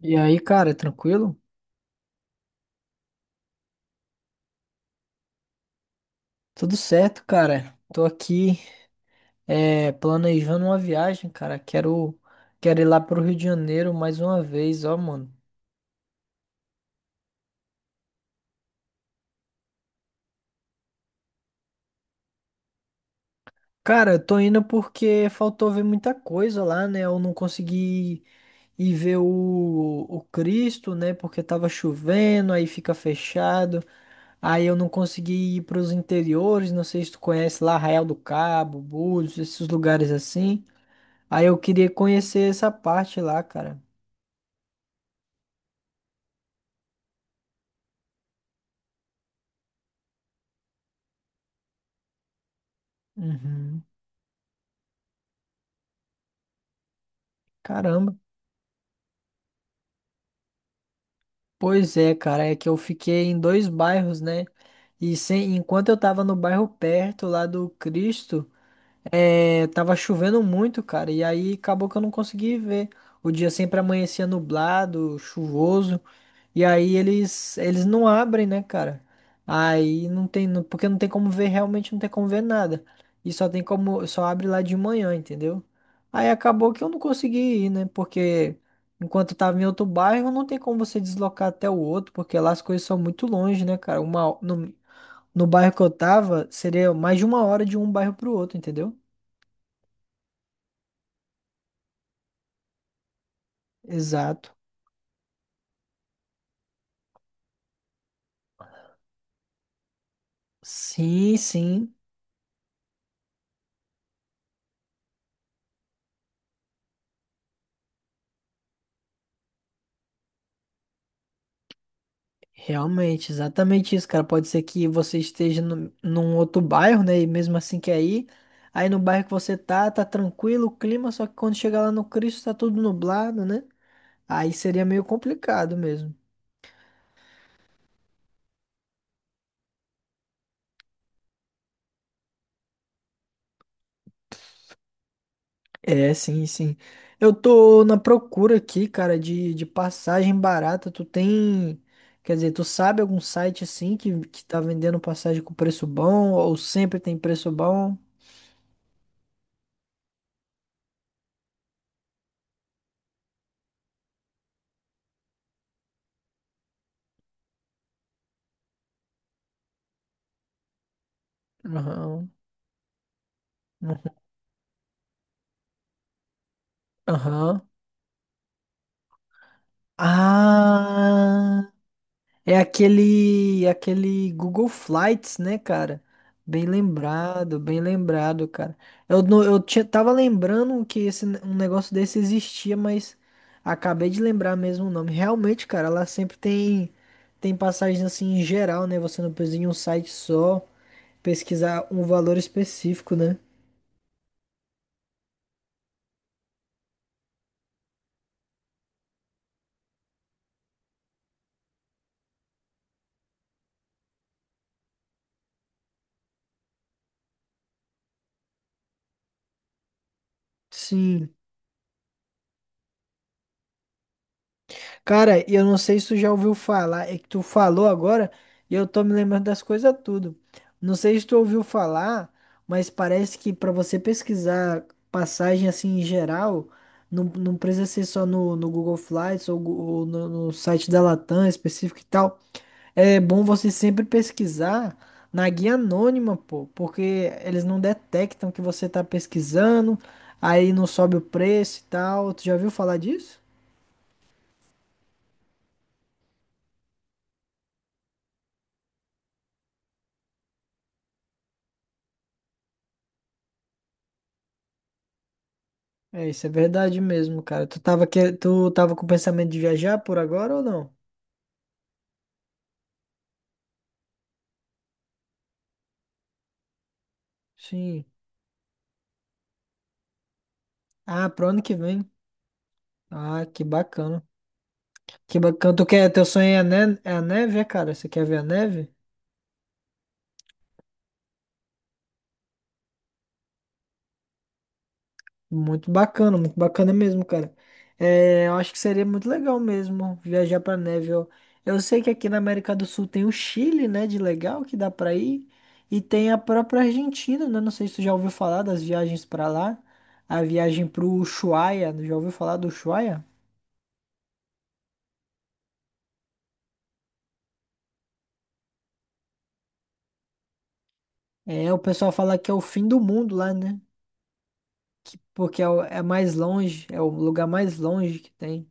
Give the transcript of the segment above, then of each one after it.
E aí, cara, tranquilo? Tudo certo, cara. Tô aqui planejando uma viagem, cara. Quero ir lá pro Rio de Janeiro mais uma vez, ó, mano. Cara, eu tô indo porque faltou ver muita coisa lá, né? Eu não consegui ir ver o Cristo, né? Porque tava chovendo, aí fica fechado. Aí eu não consegui ir pros interiores, não sei se tu conhece lá, Arraial do Cabo, Búzios, esses lugares assim. Aí eu queria conhecer essa parte lá, cara. Uhum. Caramba. Pois é, cara, é que eu fiquei em dois bairros, né? E sem, enquanto eu tava no bairro perto lá do Cristo. É, tava chovendo muito, cara, e aí acabou que eu não consegui ver. O dia sempre amanhecia nublado, chuvoso, e aí eles não abrem, né, cara? Aí não tem, não- porque não tem como ver, realmente não tem como ver nada. E só tem como, só abre lá de manhã, entendeu? Aí acabou que eu não consegui ir, né? Porque enquanto eu tava em outro bairro, não tem como você deslocar até o outro, porque lá as coisas são muito longe, né, cara? Uma, no, no bairro que eu tava, seria mais de uma hora de um bairro pro outro, entendeu? Exato. Sim, sim, realmente, exatamente isso, cara. Pode ser que você esteja no, num outro bairro, né? E mesmo assim que aí no bairro que você tá, tá tranquilo o clima, só que quando chega lá no Cristo tá tudo nublado, né? Aí seria meio complicado mesmo. É, sim, sim. Eu tô na procura aqui, cara, de passagem barata. Tu tem, quer dizer, tu sabe algum site assim que tá vendendo passagem com preço bom ou sempre tem preço bom? Aham. Aham. Ah, é aquele Google Flights, né, cara? Bem lembrado, cara. Eu, não- eu tinha, tava lembrando que esse, um negócio desse existia, mas acabei de lembrar mesmo o nome. Realmente, cara, ela sempre tem passagens assim em geral, né? Você não precisa ir em um site só pesquisar um valor específico, né? Sim. Cara, e eu não sei se tu já ouviu falar, é que tu falou agora e eu tô me lembrando das coisas tudo. Não sei se tu ouviu falar, mas parece que pra você pesquisar passagem assim em geral, não, não precisa ser só no Google Flights ou, no site da Latam específico e tal. É bom você sempre pesquisar na guia anônima, pô, porque eles não detectam que você tá pesquisando, aí não sobe o preço e tal. Tu já ouviu falar disso? É, isso é verdade mesmo, cara. Tu tava com pensamento de viajar por agora ou não? Sim. Ah, pro ano que vem. Ah, que bacana. Que bacana. Tu quer, teu sonho é a neve, é, cara? Você quer ver a neve? Muito bacana mesmo, cara. É, eu acho que seria muito legal mesmo viajar pra neve. Eu sei que aqui na América do Sul tem o Chile, né, de legal que dá pra ir, e tem a própria Argentina, né? Não sei se tu já ouviu falar das viagens pra lá. A viagem pro Ushuaia, já ouviu falar do Ushuaia? É, o pessoal fala que é o fim do mundo lá, né? Porque é, é mais longe, é o lugar mais longe que tem.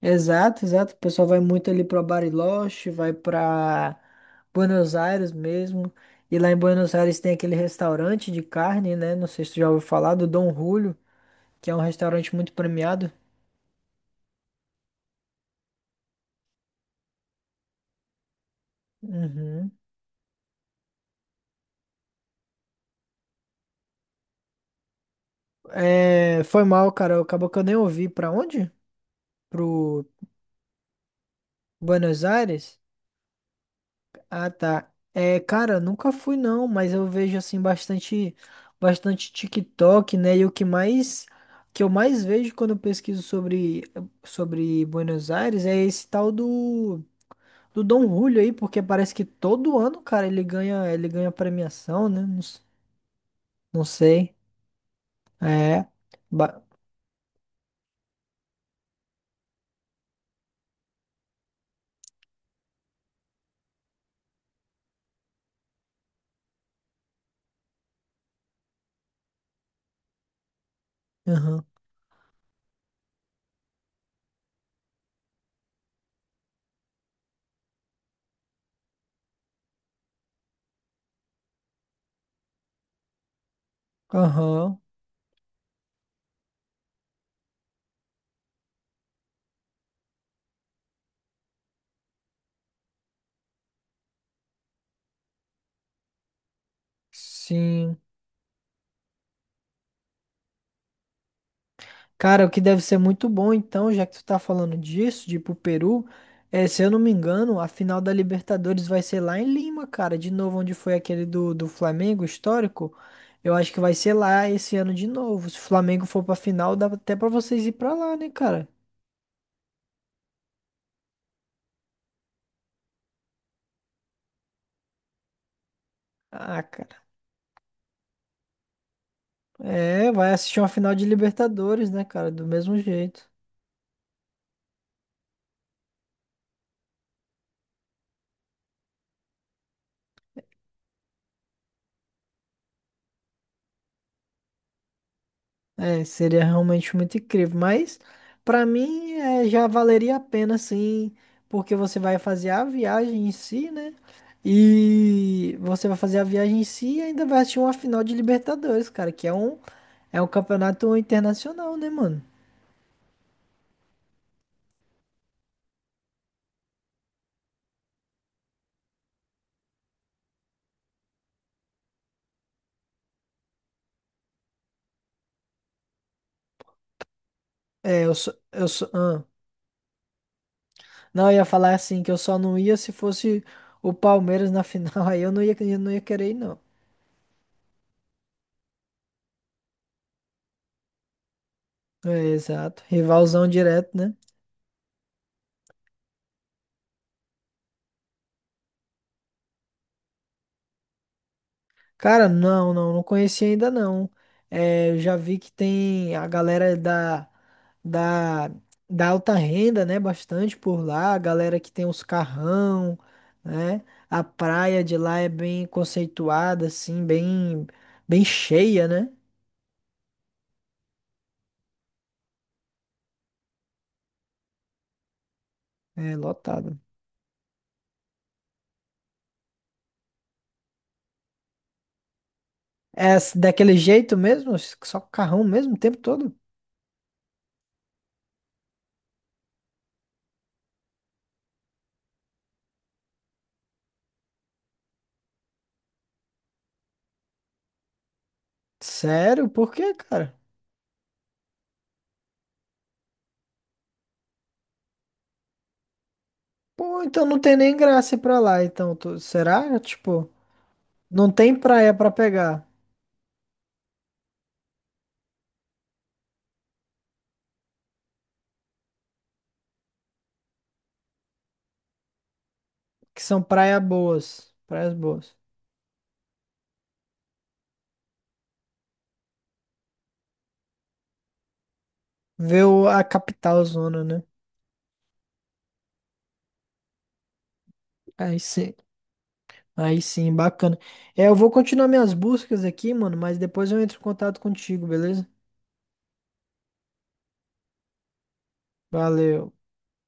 Exato, exato. O pessoal vai muito ali para Bariloche, vai para Buenos Aires mesmo. E lá em Buenos Aires tem aquele restaurante de carne, né? Não sei se tu já ouviu falar, do Dom Julio, que é um restaurante muito premiado. Uhum. É, foi mal, cara. Acabou que eu nem ouvi. Pra onde? Pro Buenos Aires? Ah, tá. É, cara, eu nunca fui não, mas eu vejo assim bastante, bastante TikTok, né? E o que mais, que eu mais vejo quando eu pesquiso sobre Buenos Aires é esse tal do Dom Julio aí, porque parece que todo ano, cara, ele ganha premiação, né? Não, não sei. É. Ba- Aham. Aham. Sim. Cara, o que deve ser muito bom, então, já que tu tá falando disso, de ir pro Peru, é, se eu não me engano, a final da Libertadores vai ser lá em Lima, cara, de novo, onde foi aquele do Flamengo histórico. Eu acho que vai ser lá esse ano de novo. Se o Flamengo for pra final, dá até pra vocês ir pra lá, né, cara? Ah, cara. É, vai assistir uma final de Libertadores, né, cara? Do mesmo jeito. É, seria realmente muito incrível, mas pra mim é, já valeria a pena sim, porque você vai fazer a viagem em si, né? E você vai fazer a viagem em si e ainda vai assistir uma final de Libertadores, cara, que é um campeonato internacional, né, mano? É, eu só, ah. Não, eu ia falar assim que eu só não ia se fosse o Palmeiras na final, aí eu não ia querer ir, não. É, exato, rivalzão direto, né? Cara, não, não, não conheci ainda não. É, eu já vi que tem a galera da, da alta renda, né? Bastante por lá, a galera que tem os carrão, né? A praia de lá é bem conceituada, assim, bem, bem cheia, né? É lotada. É daquele jeito mesmo? Só carrão mesmo o tempo todo? Sério? Por quê, cara? Pô, então não tem nem graça ir pra lá, então. Será? Tipo, não tem praia pra pegar. Que são praia boas, praias boas. Ver a capital zona, né? Aí sim, aí sim, bacana. É, eu vou continuar minhas buscas aqui, mano, mas depois eu entro em contato contigo, beleza? Valeu.